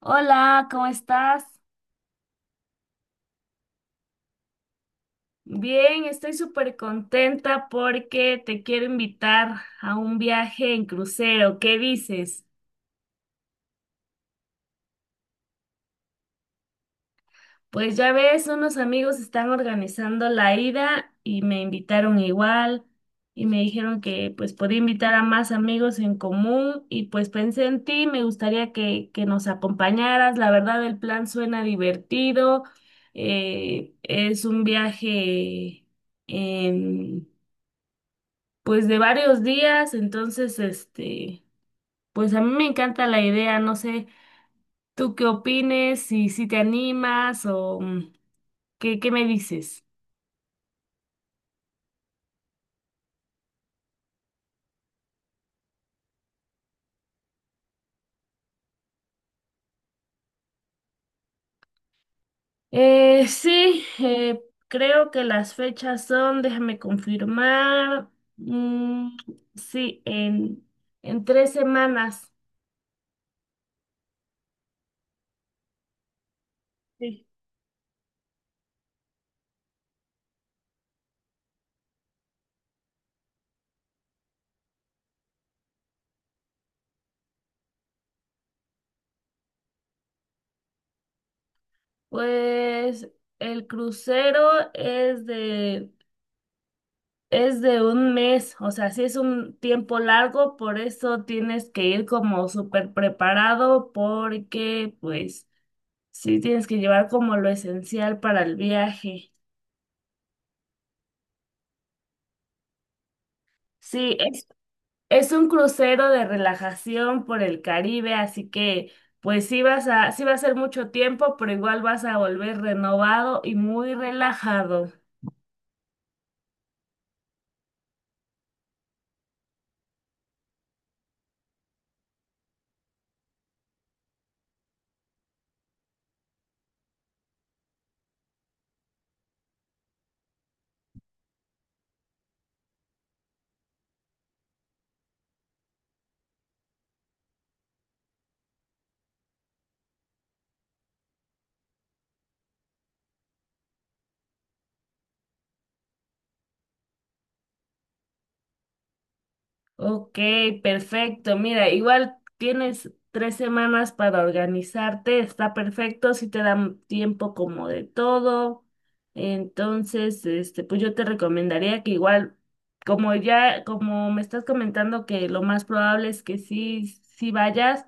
Hola, ¿cómo estás? Bien, estoy súper contenta porque te quiero invitar a un viaje en crucero. ¿Qué dices? Pues ya ves, unos amigos están organizando la ida y me invitaron igual y me dijeron que pues podía invitar a más amigos en común y pues pensé en ti. Me gustaría que nos acompañaras. La verdad, el plan suena divertido. Es un viaje en pues de varios días. Entonces, pues a mí me encanta la idea, no sé. Tú qué opines, si te animas o qué me dices. Sí, creo que las fechas son, déjame confirmar, mm, sí, en tres semanas. Sí. Pues el crucero es de Es de un mes. O sea, sí es un tiempo largo, por eso tienes que ir como súper preparado, porque pues sí tienes que llevar como lo esencial para el viaje. Sí, es un crucero de relajación por el Caribe, así que pues sí va a ser mucho tiempo, pero igual vas a volver renovado y muy relajado. Ok, perfecto. Mira, igual tienes tres semanas para organizarte, está perfecto, si te dan tiempo como de todo. Entonces, pues yo te recomendaría que igual, como ya, como me estás comentando que lo más probable es que sí vayas,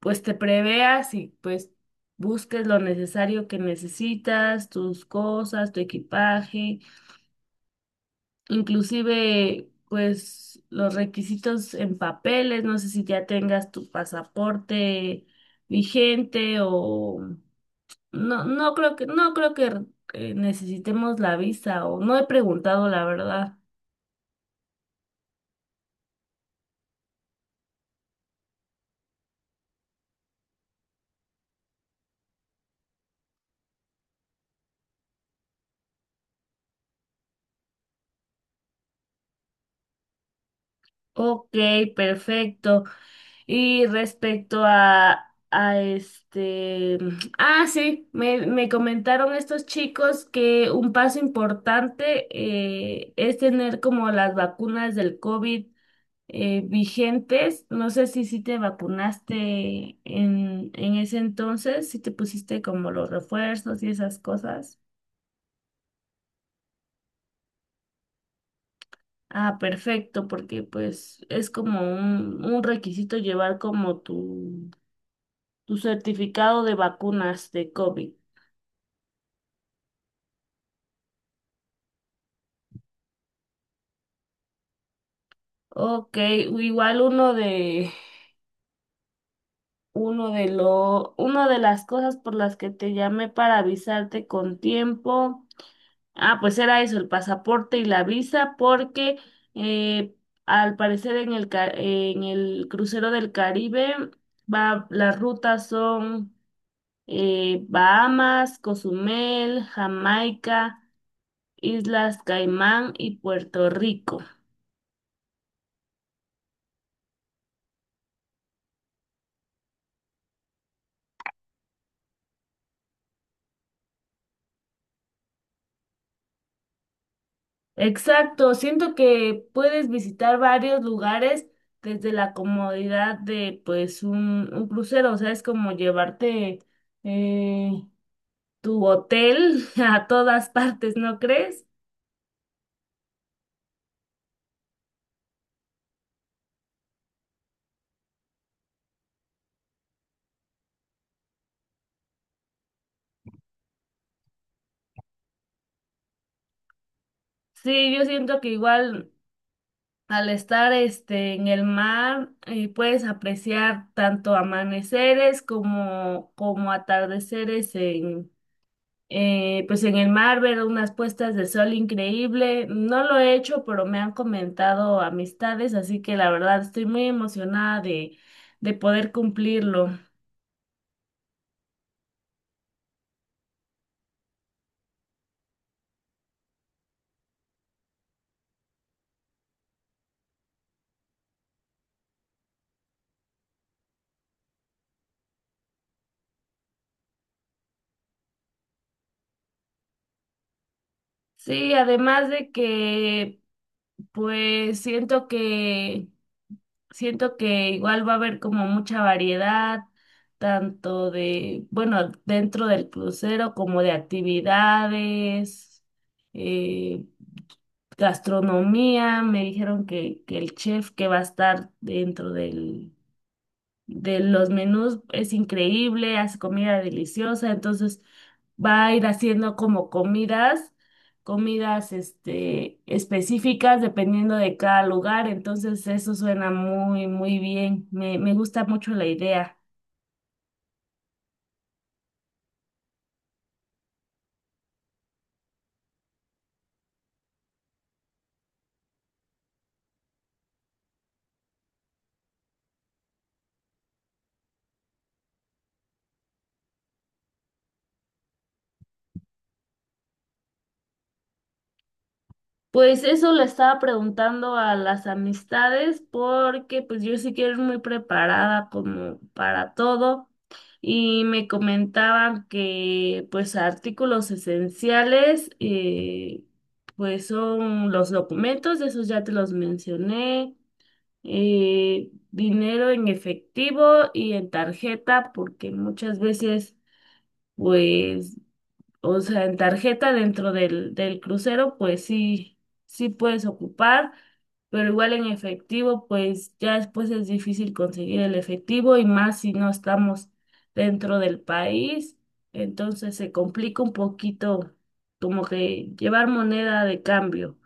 pues te preveas y pues busques lo necesario que necesitas, tus cosas, tu equipaje, inclusive pues los requisitos en papeles. No sé si ya tengas tu pasaporte vigente o no. No creo que necesitemos la visa, o no he preguntado la verdad. Ok, perfecto. Y respecto a este, ah, sí, me comentaron estos chicos que un paso importante es tener como las vacunas del COVID vigentes. No sé si te vacunaste en ese entonces, si te pusiste como los refuerzos y esas cosas. Ah, perfecto, porque pues es como un requisito llevar como tu, certificado de vacunas de COVID. Ok, igual una de las cosas por las que te llamé para avisarte con tiempo. Ah, pues era eso, el pasaporte y la visa, porque eh, al parecer en el crucero del Caribe, va, las rutas son Bahamas, Cozumel, Jamaica, Islas Caimán y Puerto Rico. Exacto, siento que puedes visitar varios lugares desde la comodidad de pues un crucero. O sea, es como llevarte eh, tu hotel a todas partes, ¿no crees? Sí, yo siento que igual al estar este en el mar, puedes apreciar tanto amaneceres como, atardeceres en pues en el mar, ver unas puestas de sol increíble. No lo he hecho, pero me han comentado amistades, así que la verdad estoy muy emocionada de, poder cumplirlo. Sí, además de que pues siento que igual va a haber como mucha variedad, tanto de, bueno, dentro del crucero como de actividades, eh, gastronomía. Me dijeron que el chef que va a estar dentro de los menús es increíble, hace comida deliciosa. Entonces va a ir haciendo como comidas, específicas dependiendo de cada lugar. Entonces eso suena muy, muy bien, me gusta mucho la idea. Pues eso le estaba preguntando a las amistades porque pues yo sí que era muy preparada como para todo, y me comentaban que pues artículos esenciales, pues son los documentos, esos ya te los mencioné, dinero en efectivo y en tarjeta, porque muchas veces pues, o sea, en tarjeta dentro del crucero, pues sí puedes ocupar, pero igual en efectivo, pues ya después es difícil conseguir el efectivo, y más si no estamos dentro del país. Entonces se complica un poquito como que llevar moneda de cambio.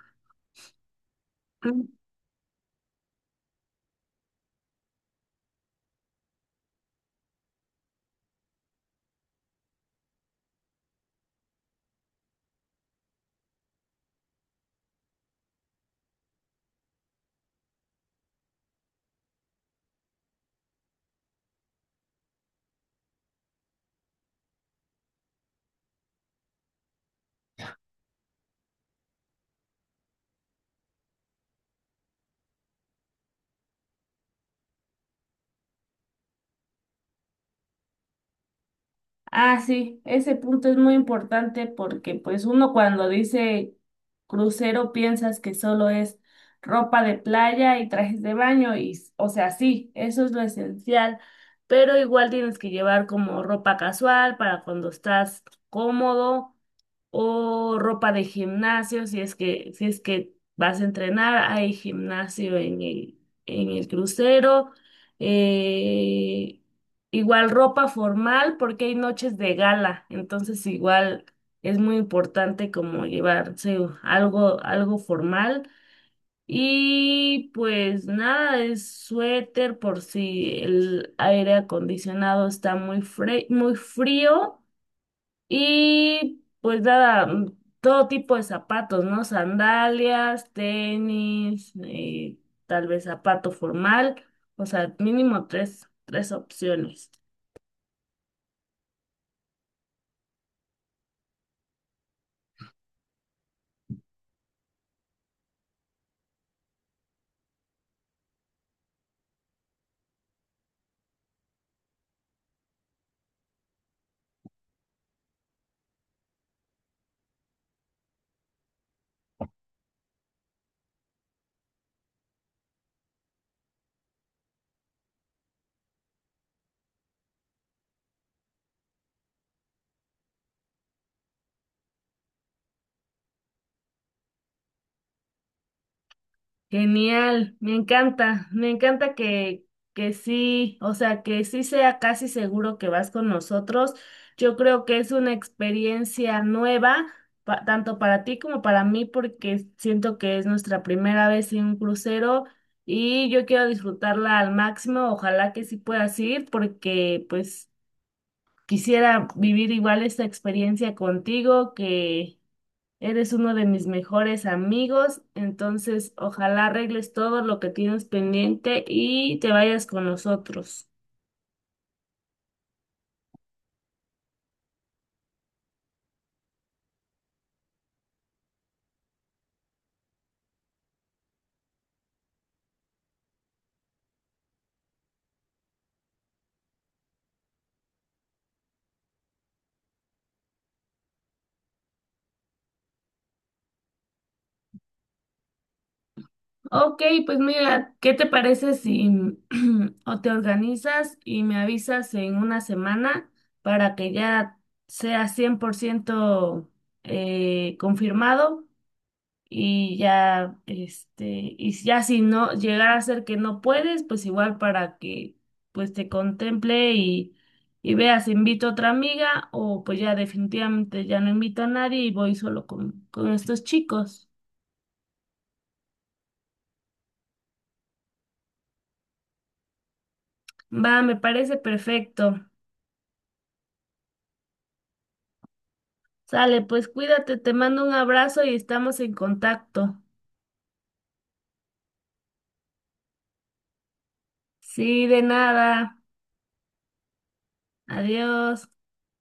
Ah, sí, ese punto es muy importante, porque pues uno cuando dice crucero piensas que solo es ropa de playa y trajes de baño, y, o sea, sí, eso es lo esencial, pero igual tienes que llevar como ropa casual para cuando estás cómodo, o ropa de gimnasio si es que, vas a entrenar, hay gimnasio en el, crucero. Eh, Igual ropa formal porque hay noches de gala, entonces igual es muy importante como llevarse algo formal. Y pues nada, es suéter por si el aire acondicionado está muy frío. Y pues nada, todo tipo de zapatos, ¿no? Sandalias, tenis, tal vez zapato formal, o sea, mínimo tres opciones. Genial, me encanta que, sí, o sea, que sí sea casi seguro que vas con nosotros. Yo creo que es una experiencia nueva, tanto para ti como para mí, porque siento que es nuestra primera vez en un crucero, y yo quiero disfrutarla al máximo. Ojalá que sí puedas ir, porque pues quisiera vivir igual esta experiencia contigo, que. Eres uno de mis mejores amigos, entonces ojalá arregles todo lo que tienes pendiente y te vayas con nosotros. Ok, pues mira, ¿qué te parece si o te organizas y me avisas en una semana para que ya sea 100% confirmado? Y ya si no llegara a ser que no puedes, pues igual para que pues te contemple, y, veas, invito a otra amiga, o pues ya definitivamente ya no invito a nadie y voy solo con, estos chicos. Va, me parece perfecto. Sale, pues cuídate, te mando un abrazo y estamos en contacto. Sí, de nada. Adiós.